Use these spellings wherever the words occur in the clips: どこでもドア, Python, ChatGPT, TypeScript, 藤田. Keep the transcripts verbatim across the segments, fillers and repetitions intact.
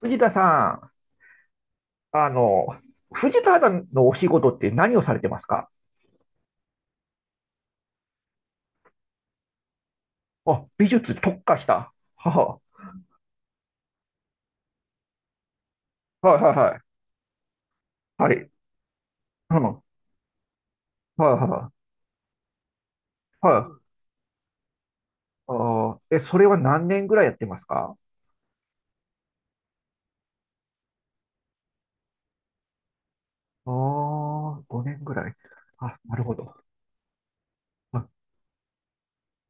藤田さん、あの、藤田さんのお仕事って何をされてますか？あ、美術特化した。はあ、はいはいはい。はい。うん。はいはいはい。あー、え、それは何年ぐらいやってますか？ああ、ごねんぐらい。あ、なるほど。あ、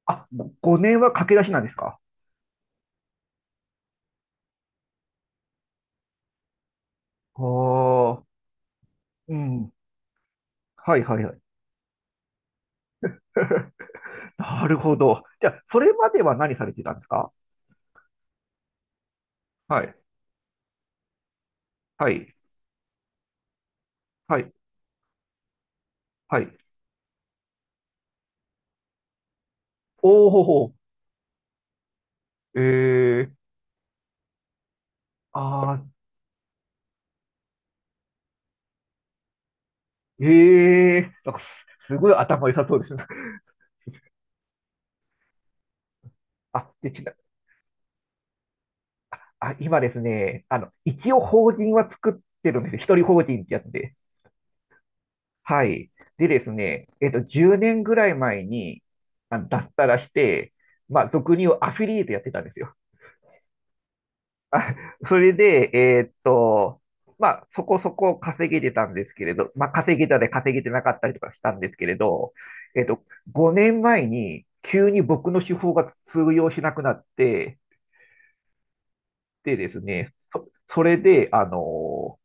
あごねんは駆け出しなんですか？ああ、うん。はいはいはい。なるほど。じゃあ、それまでは何されてたんですか？はい。はい。はい。はい。おお、ほほえーああ、ええ、なんかす、すごい頭良さそうですね。あ、で、ちな、あ、今ですね、あの、一応法人は作ってるんですよ。一人法人ってやつで。はい。でですね、えっと、じゅうねんぐらい前に、あの、脱サラして、まあ、俗に言うアフィリエイトやってたんですよ。あ、それで、えーっと、まあ、そこそこ稼げてたんですけれど、まあ、稼げたで稼げてなかったりとかしたんですけれど、えーっと、ごねんまえに急に僕の手法が通用しなくなって、でですね、そ、それで、あの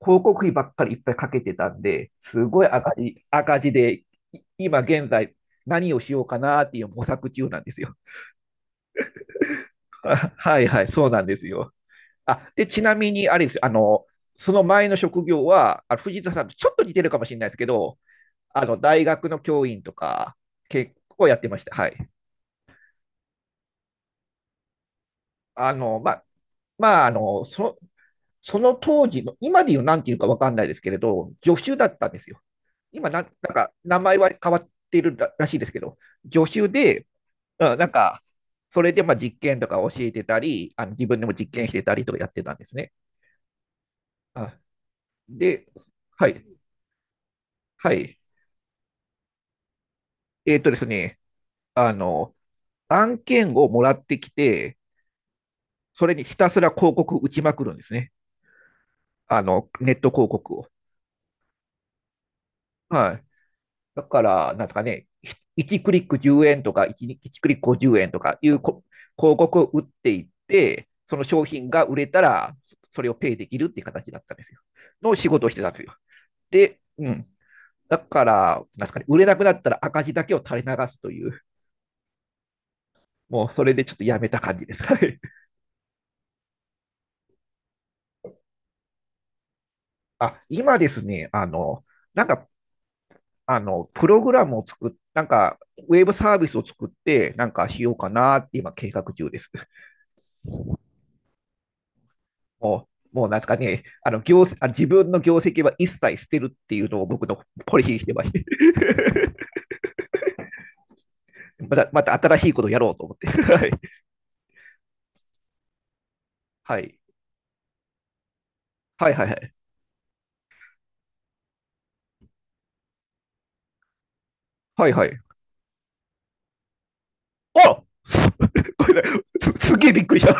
広告費ばっかりいっぱいかけてたんで、すごい赤字、赤字で、い今現在何をしようかなっていう模索中なんですよ。はいはい、そうなんですよ。あ、で、ちなみに、あれですよ、あの、その前の職業は、あの藤田さんとちょっと似てるかもしれないですけど、あの、大学の教員とか、結構やってました。はい。あの、ま、まあ、あの、そ、その当時の、今で言うなんていうかわかんないですけれど、助手だったんですよ。今なん、なんか、名前は変わってるららしいですけど、助手で、うん、なんか、それでまあ実験とか教えてたり、あの自分でも実験してたりとかやってたんですね。あ、で、はい、はい。えっとですね、あの、案件をもらってきて、それにひたすら広告打ちまくるんですね。あの、ネット広告を。はい。だから、なんですかね、いちクリックじゅうえんとかいち、いちクリックごじゅうえんとかいう広告を打っていって、その商品が売れたら、それをペイできるっていう形だったんですよ。の仕事をしてたんですよ。で、うん。だから、なんですかね、売れなくなったら赤字だけを垂れ流すという、もうそれでちょっとやめた感じですかね。あ、今ですね、あの、なんかあの、プログラムを作っ、なんか、ウェブサービスを作って、なんかしようかなって今計画中です。もう、もうなんですかね、あの、業、あ、自分の業績は一切捨てるっていうのを僕のポリシーにしてまして。また、また新しいことをやろうと思って。はい。はい。はいはいはい。はいはい。あす、ごめんなさいす、すげえびっくりした。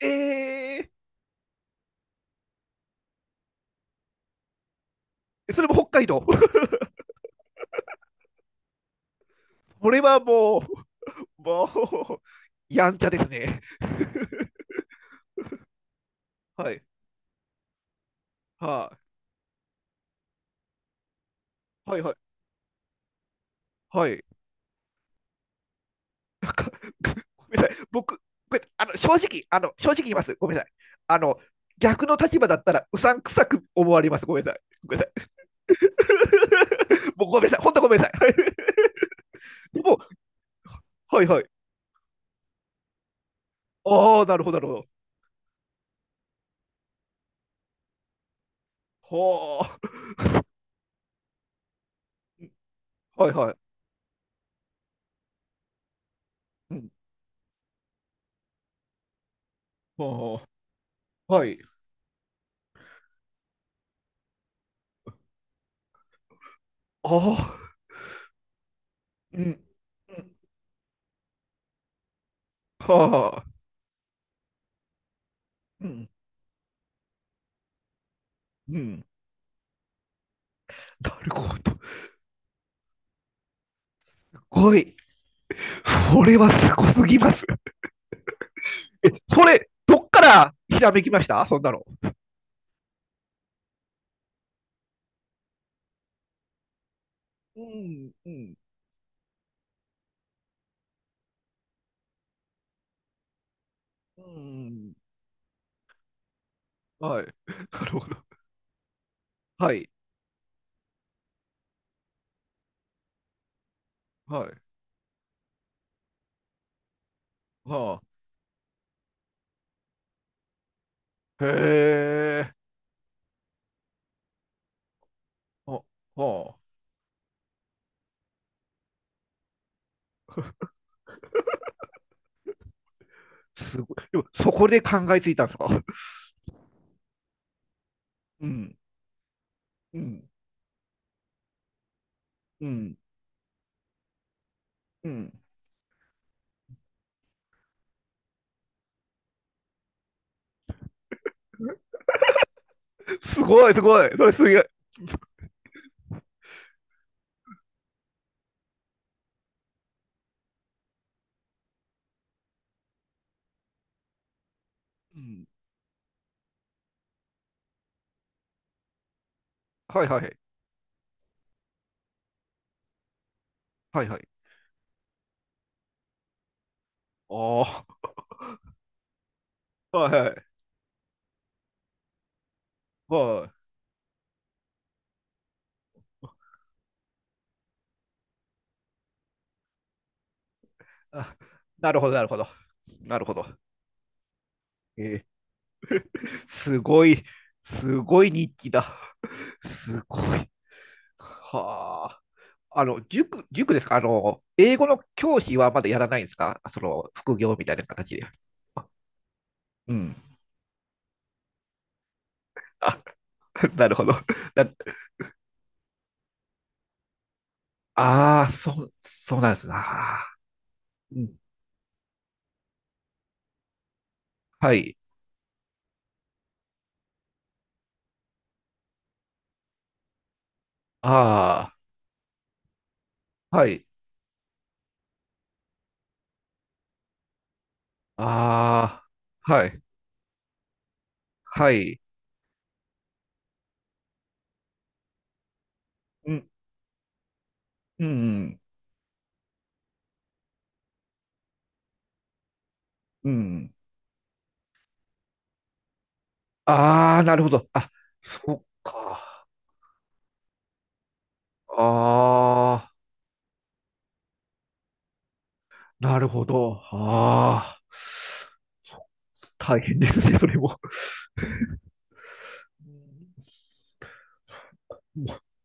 えー、それも北海道。これはもう、もう、やんちゃですね。はい。はい。はいはい。はい。なんかごめんなさい。僕、これあの正直、あの正直言います。ごめんなさい。あの逆の立場だったらうさんくさく思われます。ごめんなさい。ごめんなさい。もうごめんなさい。本当ごめんなさい。でも、はいはい。ああ、なるほど、なるほど。はあ、はいはい。うん、はあ、はい。ああ、うん、うん、はあ、うん、うん。なるほど。すごい。それはすごすぎます。え、それ、どっからひらめきましたそんなの？うん、うん、うん。はい。なるほど。はい。はい。はあ。へえ。はあはあ。すごい。でもそこで考えついたんですか？ うん、うん、うん、うん。すごい、すごい。それすげえ。うん。はいはい。はいはい。ああ。はいはい。はい。あ、なるほど、なるほど。なるほど。えー、すごい。すごい日記だ。すごい。はあ。あの、塾、塾ですか？あの、英語の教師はまだやらないんですか？その、副業みたいな形で。あ、うん。あ なるほど。なああ、そう、そうなんですな。うん、はい。ああ、はい。ああ、はい。はい。うんうん。うん。ああ、なるほど。あ、そっか。ああ、なるほど。ああ、大変ですね、それも。うん、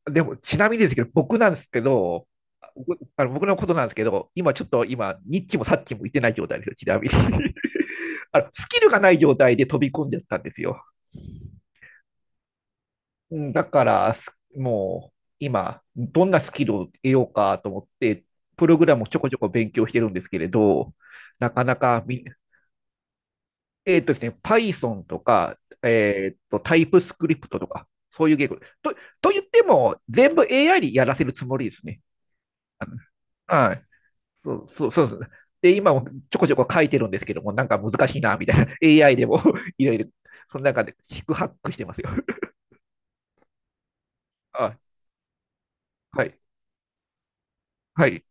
でも、ちなみにですけど、僕なんですけど、僕あの僕のことなんですけど、今ちょっと今、ニッチもサッチも行ってない状態ですよ、ちなみに。あのスキルがない状態で飛び込んじゃったんですよ。うん、だから、すもう今、どんなスキルを得ようかと思って、プログラムをちょこちょこ勉強してるんですけれど、なかなかみ、えーっとですね、Python とか、えーっと、タイプスクリプトとか、そういう言語。と、と言っても、全部 エーアイ にやらせるつもりですね。あのはい。そう、そう、そうですね。で、今もちょこちょこ書いてるんですけども、なんか難しいな、みたいな。エーアイ でも いろいろ、その中で、四苦八苦してますよ。あ、はい、はい。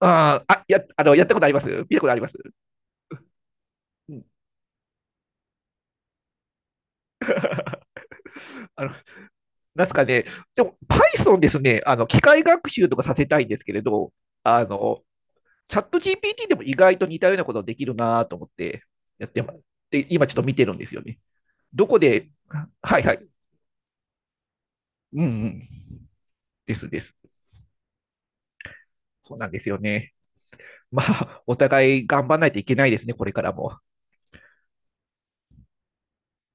あーあ、や、あの、やったことあります。見たことあります。うん。あの、なんすかね。でも、Python ですね、あの、機械学習とかさせたいんですけれど、あの、チャット ジーピーティー でも意外と似たようなことできるなと思って、やってます。で、今ちょっと見てるんですよね。どこで。はいはい。うんうん。ですです。そうなんですよね。まあ、お互い頑張らないといけないですね、これからも。